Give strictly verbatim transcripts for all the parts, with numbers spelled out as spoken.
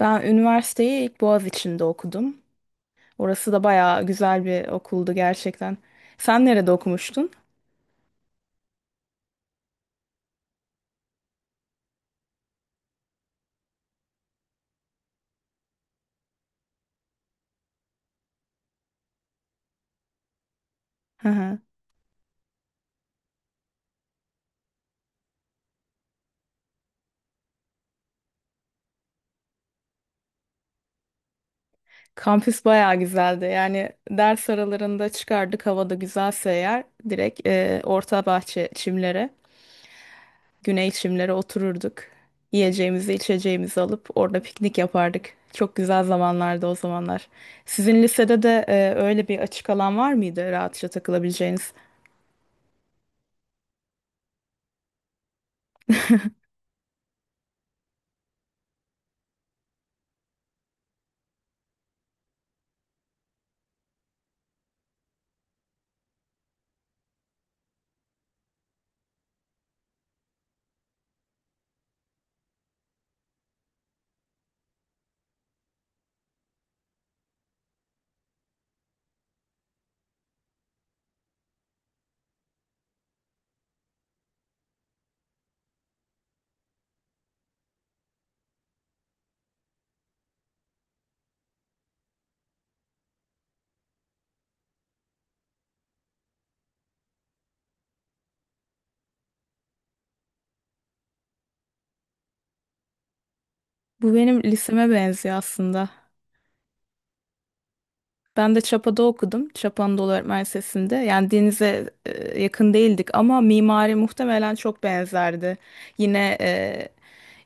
Ben üniversiteyi ilk Boğaziçi'nde okudum. Orası da bayağı güzel bir okuldu gerçekten. Sen nerede okumuştun? Hı hı. Kampüs bayağı güzeldi. Yani ders aralarında çıkardık havada güzelse eğer direkt e, orta bahçe çimlere, güney çimlere otururduk. Yiyeceğimizi, içeceğimizi alıp orada piknik yapardık. Çok güzel zamanlardı o zamanlar. Sizin lisede de e, öyle bir açık alan var mıydı rahatça takılabileceğiniz? Bu benim liseme benziyor aslında. Ben de Çapa'da okudum. Çapa Anadolu Öğretmen Lisesi'nde. Yani denize e, yakın değildik ama mimari muhtemelen çok benzerdi. Yine e,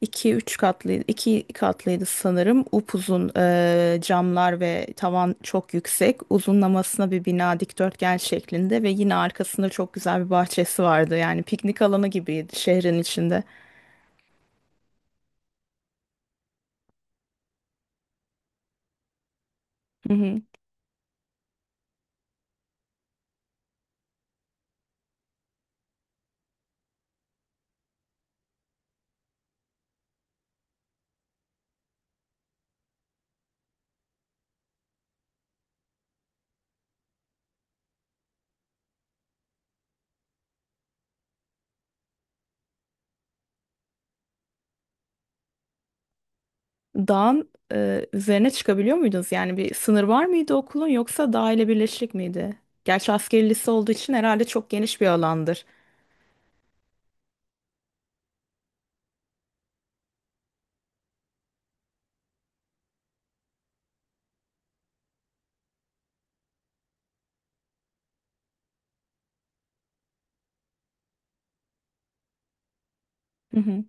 iki üç katlıydı, iki katlıydı sanırım. Upuzun e, camlar ve tavan çok yüksek. Uzunlamasına bir bina dikdörtgen şeklinde ve yine arkasında çok güzel bir bahçesi vardı. Yani piknik alanı gibiydi şehrin içinde. Dağın e, üzerine çıkabiliyor muydunuz? Yani bir sınır var mıydı okulun yoksa dağ ile birleşik miydi? Gerçi askeri lise olduğu için herhalde çok geniş bir alandır. Hı hı.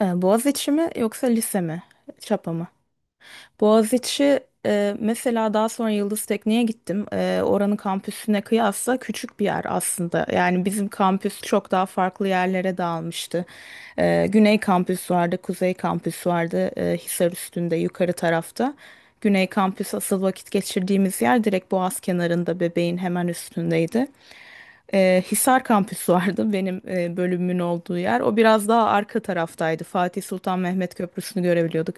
E, Boğaziçi mi yoksa lise mi? Çapa mı? Boğaziçi e, mesela daha sonra Yıldız Tekniğe gittim. E, oranın kampüsüne kıyasla küçük bir yer aslında. Yani bizim kampüs çok daha farklı yerlere dağılmıştı. E, Güney kampüs vardı, Kuzey kampüs vardı, e, Hisar üstünde yukarı tarafta. Güney kampüs asıl vakit geçirdiğimiz yer direkt Boğaz kenarında Bebeğin hemen üstündeydi. E, Hisar kampüs vardı benim e, bölümümün olduğu yer. O biraz daha arka taraftaydı. Fatih Sultan Mehmet Köprüsü'nü görebiliyorduk.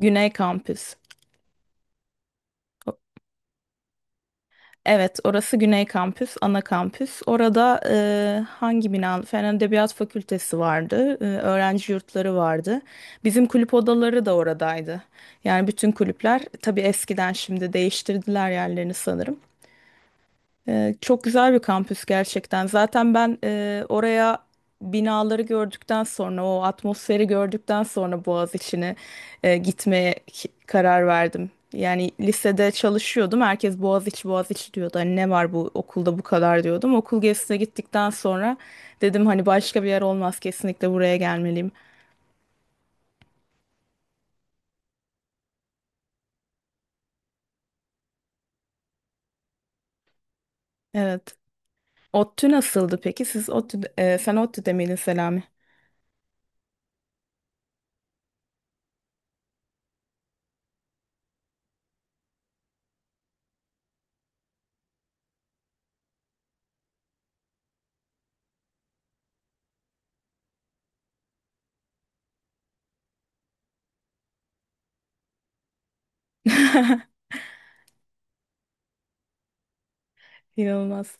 Güney kampüs. Evet, orası Güney Kampüs, ana kampüs. Orada e, hangi bina? Fen Edebiyat Fakültesi vardı, e, öğrenci yurtları vardı. Bizim kulüp odaları da oradaydı. Yani bütün kulüpler, tabii eskiden şimdi değiştirdiler yerlerini sanırım. Ee, çok güzel bir kampüs gerçekten. Zaten ben e, oraya binaları gördükten sonra, o atmosferi gördükten sonra Boğaziçi'ne e, gitmeye ki- karar verdim. Yani lisede çalışıyordum. Herkes Boğaziçi, Boğaziçi diyordu. Hani ne var bu okulda bu kadar diyordum. Okul gezisine gittikten sonra dedim hani başka bir yer olmaz kesinlikle buraya gelmeliyim. Evet. ODTÜ nasıldı peki? Siz ODTÜ, e, sen ODTÜ'de miydin Selami? İnanılmaz.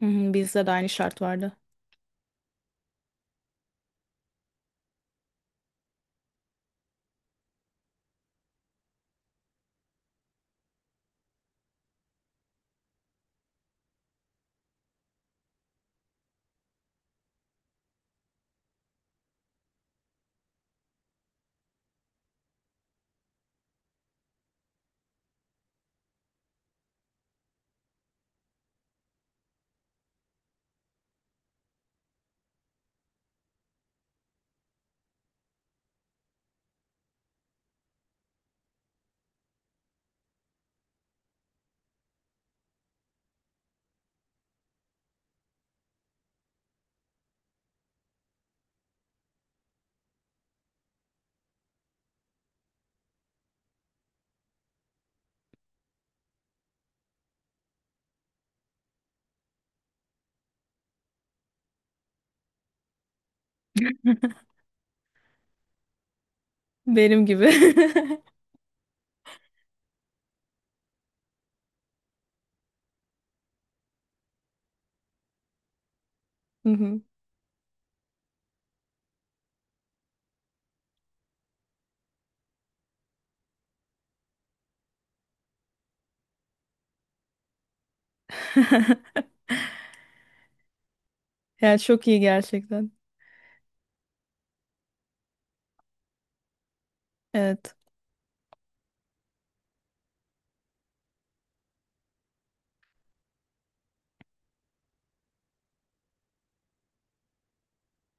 Hı hı, bizde de aynı şart vardı. Benim gibi. Hı hı. Yani çok iyi gerçekten. Evet.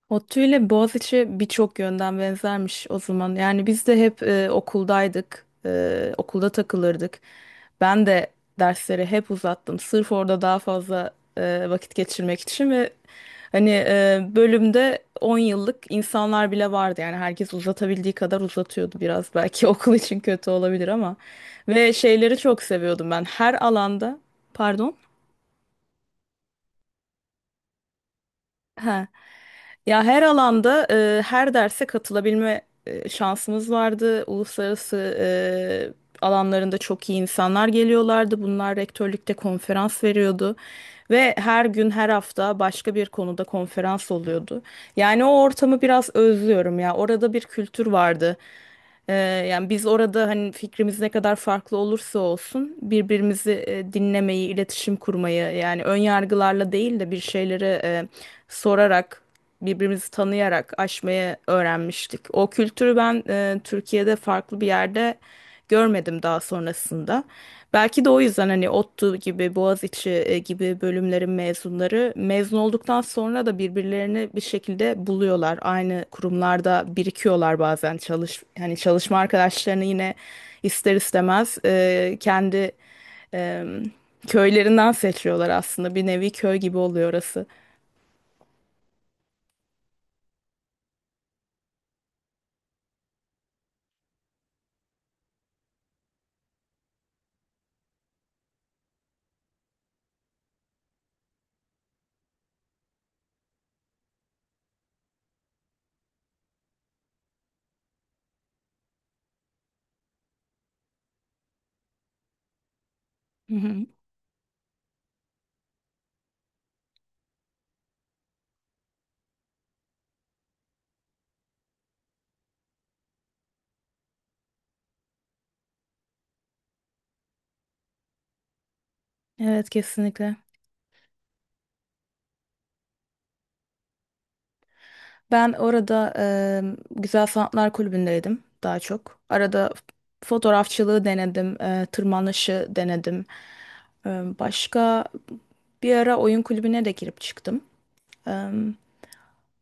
ODTÜ ile Boğaziçi birçok yönden benzermiş o zaman. Yani biz de hep e, okuldaydık, e, okulda takılırdık. Ben de dersleri hep uzattım. Sırf orada daha fazla e, vakit geçirmek için ve hani e, bölümde on yıllık insanlar bile vardı. Yani herkes uzatabildiği kadar uzatıyordu biraz. Belki okul için kötü olabilir ama. Ve şeyleri çok seviyordum ben. Her alanda, pardon. He. Ya her alanda e, her derse katılabilme e, şansımız vardı. Uluslararası e, alanlarında çok iyi insanlar geliyorlardı. Bunlar rektörlükte konferans veriyordu ve her gün her hafta başka bir konuda konferans oluyordu. Yani o ortamı biraz özlüyorum ya. Orada bir kültür vardı. Ee, yani biz orada hani fikrimiz ne kadar farklı olursa olsun birbirimizi e, dinlemeyi, iletişim kurmayı yani ön yargılarla değil de bir şeyleri e, sorarak birbirimizi tanıyarak aşmayı öğrenmiştik. O kültürü ben e, Türkiye'de farklı bir yerde görmedim daha sonrasında. Belki de o yüzden hani ODTÜ gibi, Boğaziçi e, gibi bölümlerin mezunları mezun olduktan sonra da birbirlerini bir şekilde buluyorlar. Aynı kurumlarda birikiyorlar bazen çalış hani çalışma arkadaşlarını yine ister istemez e, kendi e, köylerinden seçiyorlar aslında. Bir nevi köy gibi oluyor orası. Hı hı. Evet kesinlikle. Ben orada eee, Güzel Sanatlar Kulübü'ndeydim daha çok. Arada fotoğrafçılığı denedim, eee, tırmanışı denedim. Eee, başka bir ara oyun kulübüne de girip çıktım. Eee,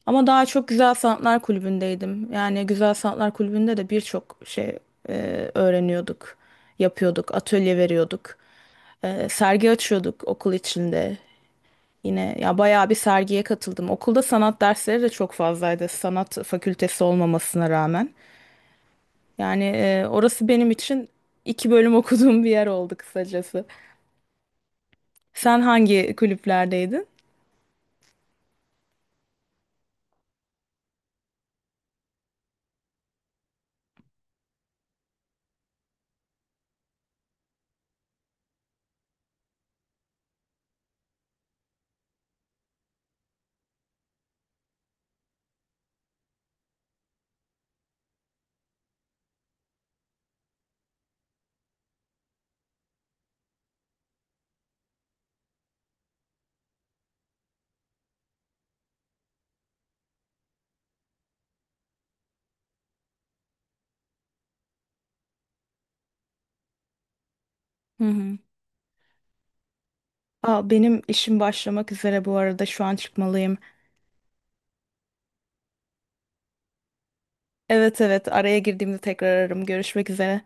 ama daha çok Güzel Sanatlar Kulübü'ndeydim. Yani Güzel Sanatlar Kulübü'nde de birçok şey eee, öğreniyorduk, yapıyorduk, atölye veriyorduk. Eee, sergi açıyorduk okul içinde. Yine ya bayağı bir sergiye katıldım. Okulda sanat dersleri de çok fazlaydı. Sanat fakültesi olmamasına rağmen. Yani e, orası benim için iki bölüm okuduğum bir yer oldu kısacası. Sen hangi kulüplerdeydin? Hı hı. Aa, benim işim başlamak üzere bu arada şu an çıkmalıyım. Evet evet araya girdiğimde tekrar ararım. Görüşmek üzere.